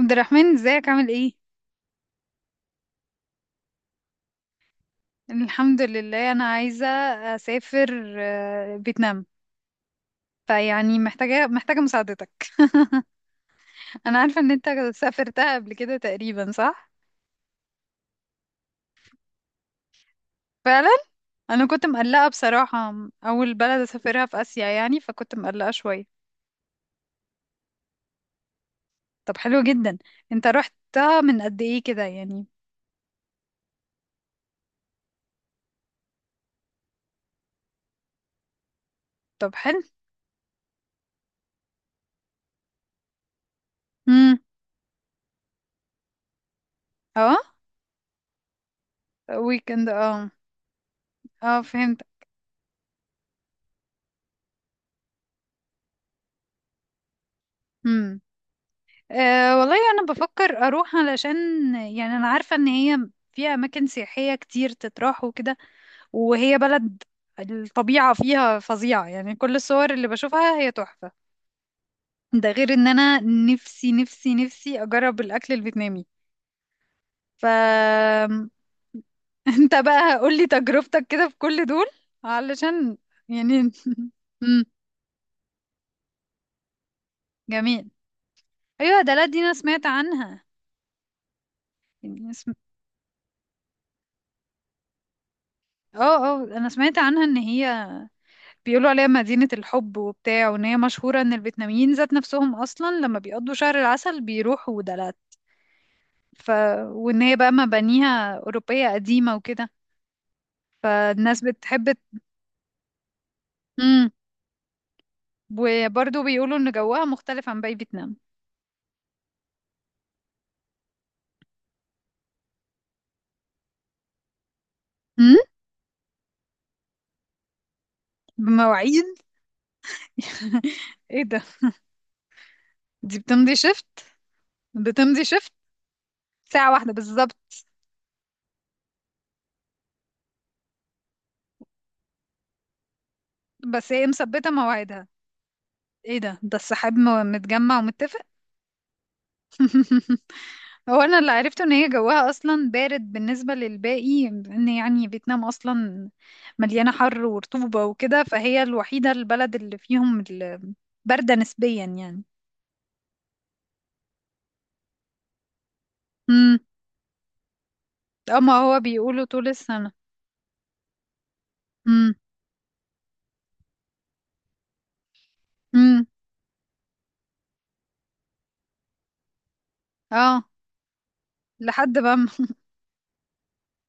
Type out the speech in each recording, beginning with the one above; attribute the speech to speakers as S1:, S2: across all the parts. S1: عبد الرحمن، ازيك عامل ايه؟ الحمد لله. انا عايزه اسافر فيتنام. فيعني محتاجه محتاجه مساعدتك. انا عارفه ان انت سافرتها قبل كده تقريبا، صح؟ فعلا. انا كنت مقلقه بصراحه. اول بلد اسافرها في اسيا يعني، فكنت مقلقه شويه. طب حلو جدا. انت رحتها من قد ايه كده يعني؟ طب حلو. امم. اه. ويكند. اه، اه فهمت. أه والله انا بفكر اروح علشان، يعني انا عارفة ان هي فيها اماكن سياحية كتير تتراح وكده، وهي بلد الطبيعة فيها فظيعة. يعني كل الصور اللي بشوفها هي تحفة. ده غير ان انا نفسي نفسي نفسي اجرب الاكل الفيتنامي. ف انت بقى قولي تجربتك كده في كل دول علشان يعني. امم. جميل. ايوه ده. لا دي انا سمعت عنها يعني اه، اه انا سمعت عنها ان هي بيقولوا عليها مدينة الحب وبتاع، وان هي مشهورة ان الفيتناميين ذات نفسهم اصلا لما بيقضوا شهر العسل بيروحوا دلات. ف وان هي بقى مبانيها اوروبية قديمة وكده، فالناس بتحب. امم. وبرضه بيقولوا ان جوها مختلف عن باقي فيتنام. امم. بمواعيد. ايه ده! دي بتمضي شفت. بتمضي شفت. ساعة واحدة بالظبط. بس هي مثبتة مواعيدها. ايه ده! ده السحاب متجمع ومتفق. هو انا اللي عرفته ان هي جواها اصلا بارد بالنسبه للباقي، ان يعني فيتنام اصلا مليانه حر ورطوبه وكده، فهي الوحيده البلد اللي فيهم بارده نسبيا يعني. امم. اه ما هو بيقولوا طول السنه. امم. امم. اه لحد بقى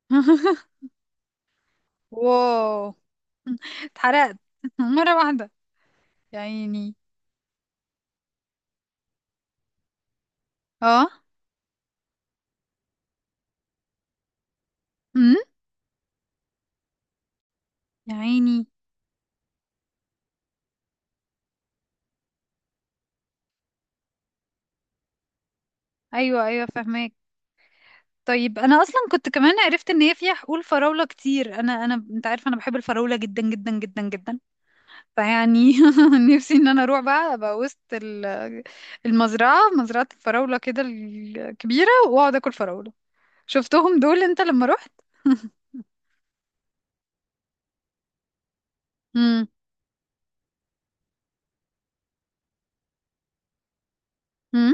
S1: واو! اتحرقت مره واحده. يا عيني. اه. امم. يا عيني. ايوه ايوه فهماك. طيب انا اصلا كنت كمان عرفت ان هي فيها حقول فراولة كتير. انا انت عارف انا بحب الفراولة جدا جدا جدا جدا، فيعني نفسي ان انا اروح بقى ابقى وسط المزرعة، مزرعة الفراولة كده الكبيرة، واقعد اكل فراولة. شفتهم دول انت لما رحت؟ امم. امم.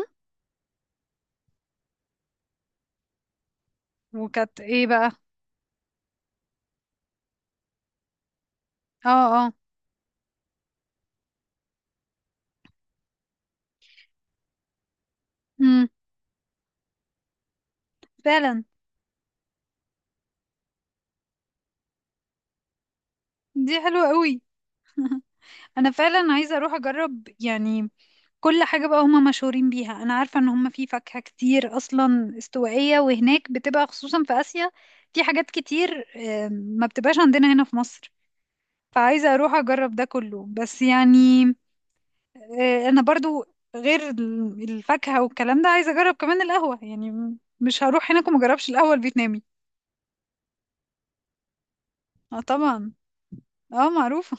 S1: وكانت ايه بقى؟ اه. اه. امم. فعلا. دي حلوة قوي. انا فعلا عايزة اروح اجرب يعني كل حاجة بقى هما مشهورين بيها. أنا عارفة إن هما في فاكهة كتير أصلا استوائية، وهناك بتبقى خصوصا في آسيا في حاجات كتير ما بتبقاش عندنا هنا في مصر. فعايزة أروح أجرب ده كله. بس يعني أنا برضو غير الفاكهة والكلام ده، عايزة أجرب كمان القهوة. يعني مش هروح هناك وما أجربش القهوة الفيتنامي. اه طبعا. اه معروفة.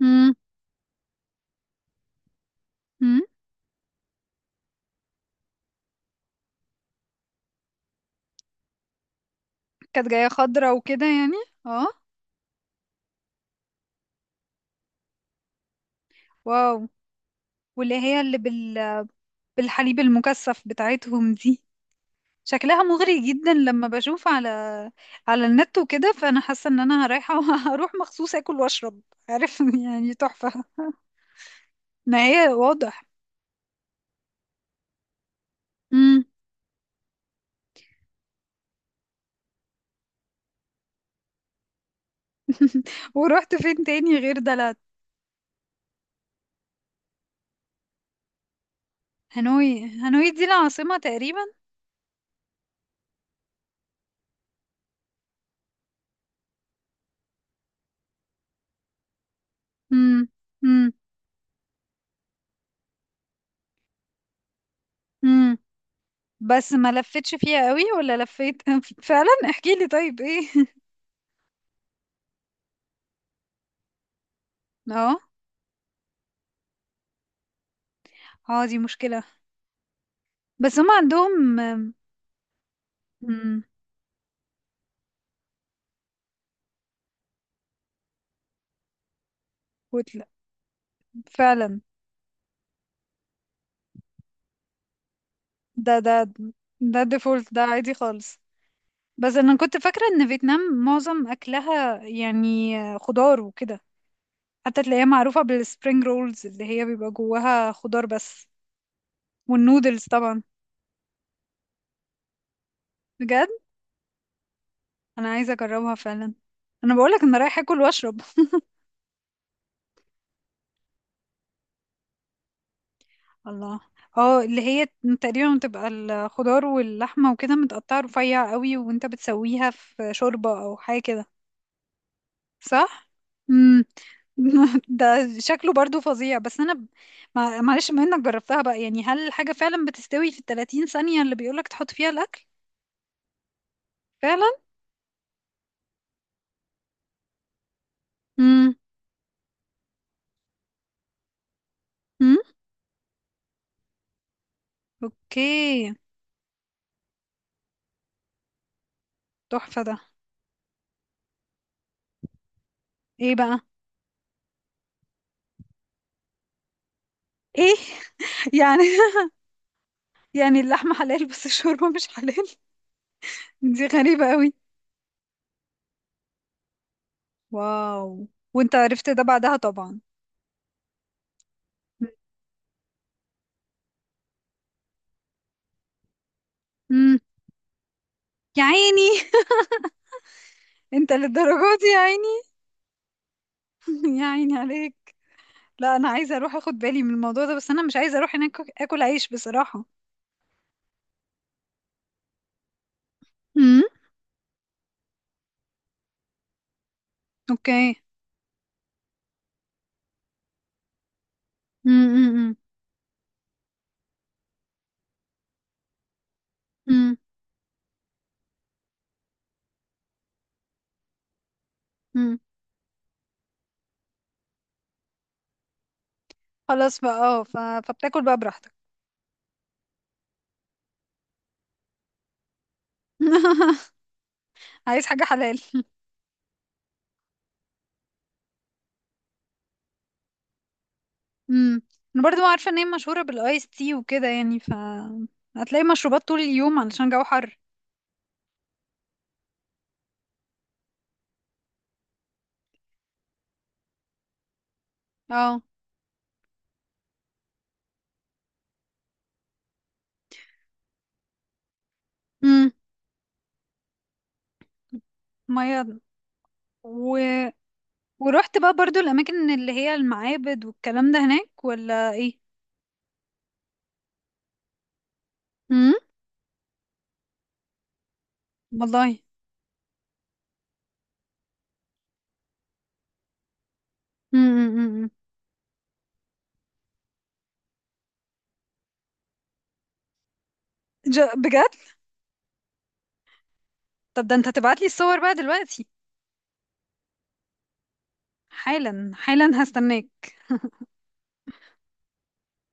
S1: مم. مم. كانت جاية خضرة وكده يعني. اه. واو. واللي هي اللي بال... بالحليب المكثف بتاعتهم دي شكلها مغري جدا لما بشوف على على النت وكده، فانا حاسه ان انا رايحه. هروح مخصوص اكل واشرب، عارف؟ يعني تحفه. ما هي واضح. امم. ورحت فين تاني غير دلات؟ هانوي. هانوي دي العاصمه تقريبا. امم. امم. امم. بس ما لفتش فيها قوي ولا لفيت. فعلا احكي لي طيب، ايه؟ اه. اه دي مشكله. بس هم عندهم. امم. كتله. فعلا. ده ده ده ديفولت، ده عادي خالص. بس انا كنت فاكرة ان فيتنام معظم اكلها يعني خضار وكده، حتى تلاقيها معروفة بالسبرينج رولز اللي هي بيبقى جواها خضار بس، والنودلز طبعا. بجد، انا عايزة اجربها فعلا. انا بقولك انا رايحة اكل واشرب. الله. اه اللي هي تقريبا بتبقى الخضار واللحمة وكده متقطعة رفيع قوي، وانت بتسويها في شوربة او حاجة كده. صح. امم. ده شكله برضو فظيع. بس انا معلش بما انك جربتها بقى، يعني هل الحاجة فعلا بتستوي في الـ30 ثانية اللي بيقولك تحط فيها الاكل؟ فعلا. امم. امم. اوكي. تحفة ده. ايه بقى؟ ايه؟ يعني. يعني اللحمة حلال بس الشوربة مش حلال. دي غريبة قوي. واو. وانت عرفت ده بعدها طبعا. امم. يا عيني. انت للدرجة دي؟ يا عيني. يا عيني عليك. لا انا عايزه اروح اخد بالي من الموضوع ده، بس انا مش عايزه اروح هناك اكل عيش بصراحه. امم. اوكي. امم. امم. امم. خلاص بقى. اه فبتاكل بقى براحتك. عايز حاجه حلال. امم. انا برضو عارفه ان هي مشهوره بالايس تي وكده، يعني ف هتلاقي مشروبات طول اليوم علشان جو حر. اه. امم. ميه و... ورحت بقى برضو الاماكن اللي هي المعابد والكلام ده هناك ولا ايه؟ امم. والله. امم. امم. أمم. بجد؟ طب ده انت هتبعت لي الصور بقى دلوقتي؟ حالا. حالا هستناك.